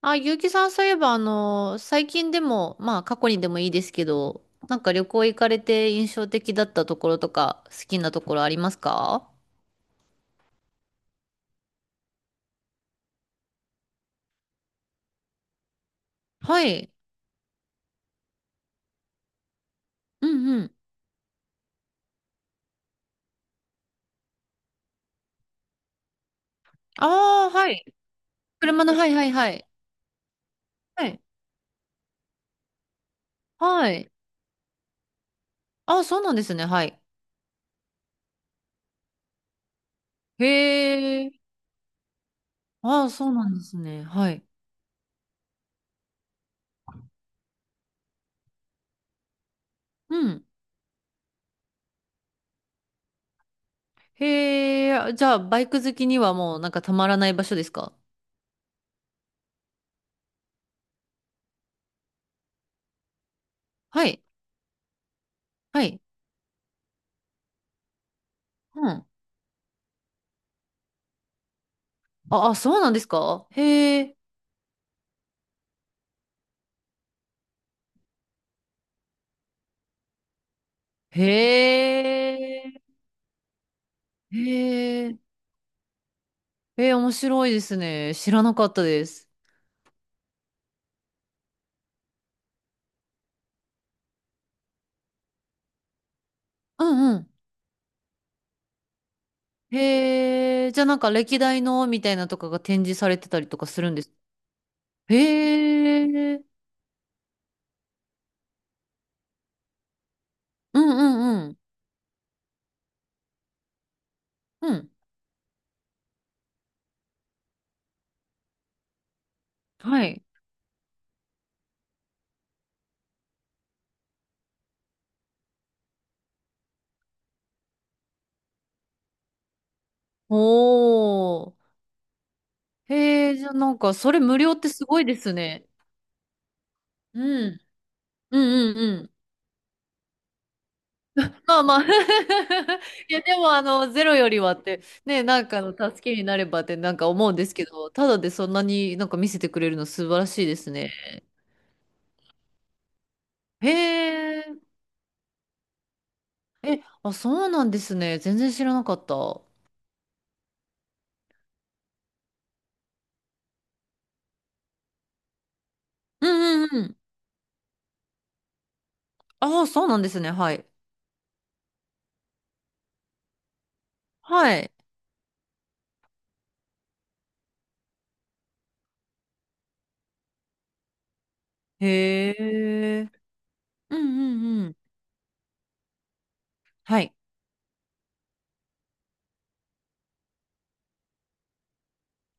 あ、ゆうきさん、そういえば、最近でも、まあ、過去にでもいいですけど、なんか旅行行かれて印象的だったところとか、好きなところありますか？はい。うんうん。ああ、はい。車の、はいはいはい。はい。はい。ああ、そうなんですね。はい。へえ。ああ、そうなんですね。はい。うん。へえ。じゃあ、バイク好きにはもう、なんかたまらない場所ですか？はい。はい。うん。あ、あ、そうなんですか、へえ。へえ。へえ、えー、面白いですね。知らなかったです。うんうん。へえ、じゃあなんか歴代のみたいなとかが展示されてたりとかするんです。へえ、うんうんうん。うん。はい。おー。へえ、じゃあなんかそれ無料ってすごいですね。うん。うんうんうん。まあまあ。 いやでもゼロよりはって、ね、なんかの助けになればってなんか思うんですけど、ただでそんなになんか見せてくれるの素晴らしいですね。へえ、え、あ、そうなんですね。全然知らなかった。うんうんうん。ああ、そうなんですね。はい。はい。へえ。うんうんうん。はい。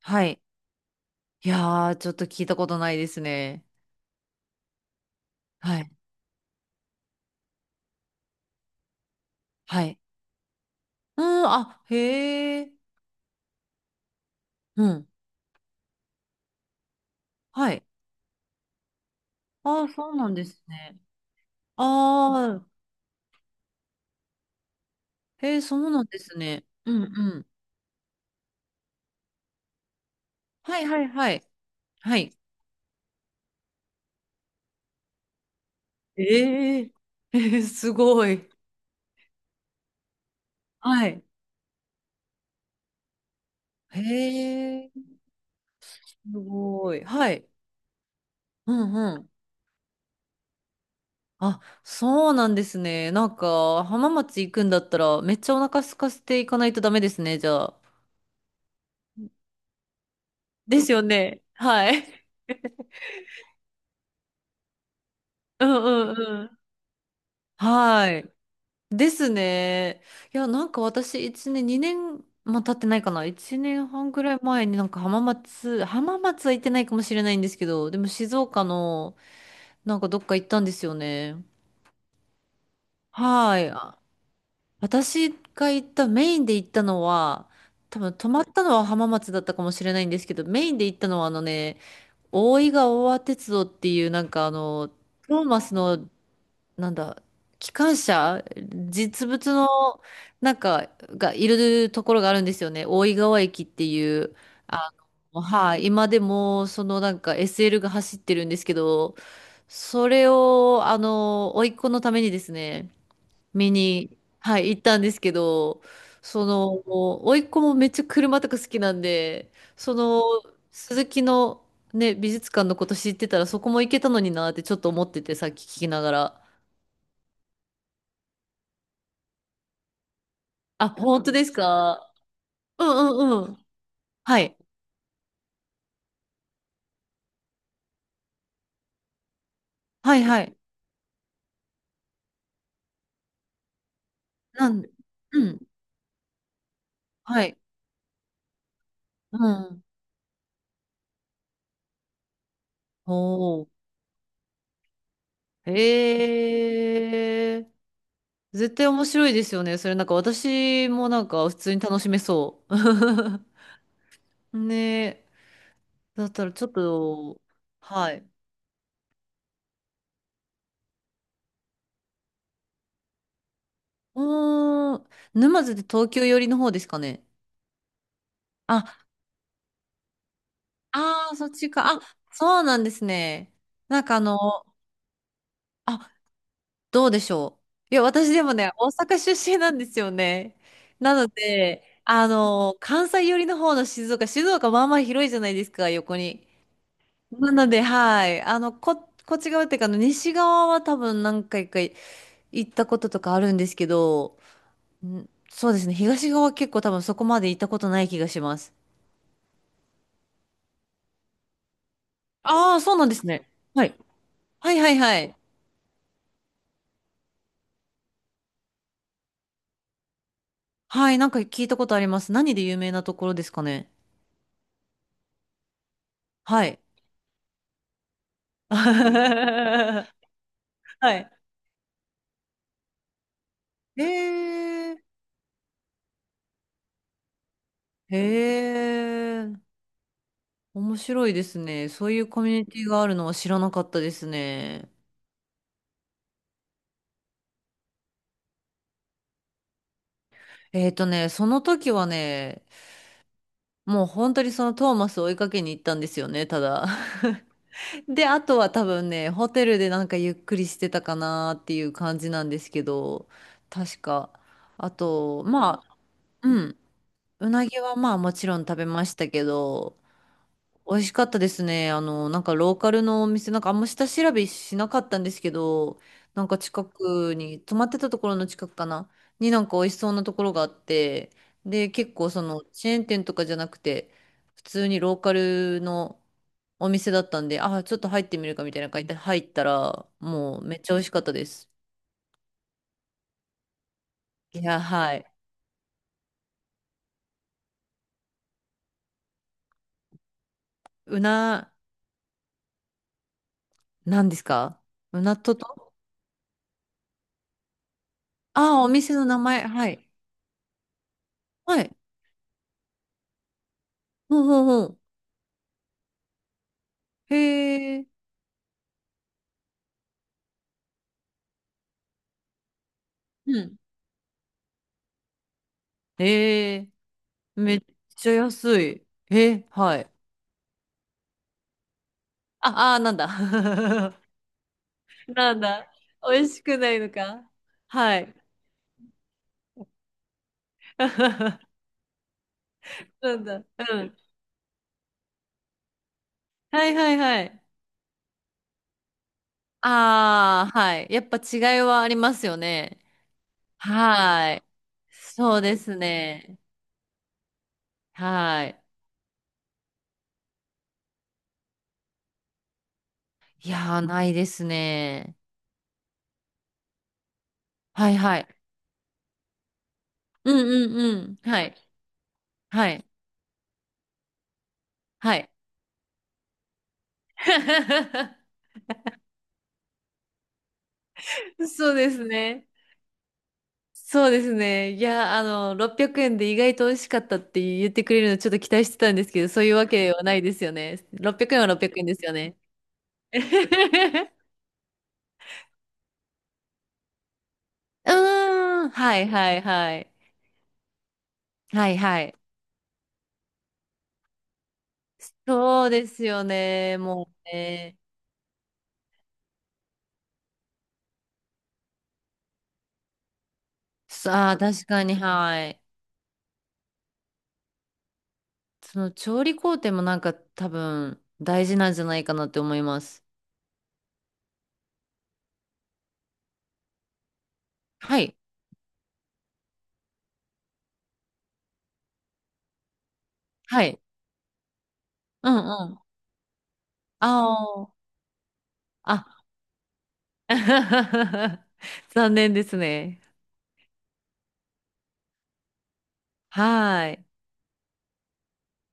はい。いやー、ちょっと聞いたことないですね。はい。はい。うん、あ、へえ。うん。はい。ああ、そうなんですね。ああ、へえ、そうなんですね。うんうん。はいはいはい。はい。ええ。えー、すごい。はい。へえ。すごい。はい。うんうん。あ、そうなんですね。なんか、浜松行くんだったら、めっちゃお腹空かせていかないとダメですね、じゃあ。ですよね。はい。うんうんうん。はい。ですね。いや、なんか私、1年、2年も経ってないかな。1年半ぐらい前になんか浜松は行ってないかもしれないんですけど、でも静岡のなんかどっか行ったんですよね。はい。私が行った、メインで行ったのは、多分泊まったのは浜松だったかもしれないんですけど、メインで行ったのは大井川大和鉄道っていうトーマスの、なんだ機関車、実物のなんかがいるところがあるんですよね。大井川駅っていう、あはい、今でもそのなんか SL が走ってるんですけど、それを甥っ子のためにですね見に、はい、行ったんですけど、その、甥っ子もめっちゃ車とか好きなんで、その、鈴木のね、美術館のこと知ってたらそこも行けたのになってちょっと思ってて、さっき聞きながら。あ、本当ですか？うんうんうん。はい。はいはい。なん、うん。はい。うん。おー。へえ。絶対面白いですよね。それ、なんか私もなんか普通に楽しめそう。ね、だったらちょっと。はい。うーん、沼津で東京寄りの方ですかね。あ、ああ、そっちか。あ、そうなんですね。なんかあ、どうでしょう。いや、私でもね、大阪出身なんですよね。なので、関西寄りの方の静岡、まあまあ広いじゃないですか、横に。なので、はい。こっち側っていうか、西側は多分何回か行ったこととかあるんですけど、んそうですね。東側は結構多分そこまで行ったことない気がします。ああ、そうなんですね。はい。はいはいはい。はい、なんか聞いたことあります。何で有名なところですかね。はい。はい。へえ。へえ。面白いですね。そういうコミュニティがあるのは知らなかったですね。えっとね、その時はね、もう本当にそのトーマスを追いかけに行ったんですよね、ただ。で、あとは多分ね、ホテルでなんかゆっくりしてたかなっていう感じなんですけど、確か。あと、まあ、うん、うなぎはまあもちろん食べましたけど、美味しかったですね。なんかローカルのお店、なんかあんま下調べしなかったんですけど、なんか近くに、泊まってたところの近くかな、になんか美味しそうなところがあって、で、結構そのチェーン店とかじゃなくて、普通にローカルのお店だったんで、あ、ちょっと入ってみるかみたいな感じで入ったら、もうめっちゃ美味しかったです。いや、はい。うな、なんですか？うなとと、ああー、お店の名前。はい。はい。ほうほうほう。へえ。うん、えー、めっちゃ安い。え、はい。あ、あー、なんだ。なんだ。美味しくないのか。はい。なんだ。うん。はいはいはい。ああ、はい。やっぱ違いはありますよね。はい。そうですね。はい。いやー、ないですね。はいはい。うんうんうん。はい。はい。はい。そうですね。そうですね。いや、600円で意外と美味しかったって言ってくれるのちょっと期待してたんですけど、そういうわけはないですよね。600円は600円ですよね。うーん。はいはいはい。はいはい。そうですよね。もうね。さあ、確かに、はい。その調理工程もなんか多分大事なんじゃないかなって思います。はい。はい。うんうん。ああ。あ。残念ですね。はい。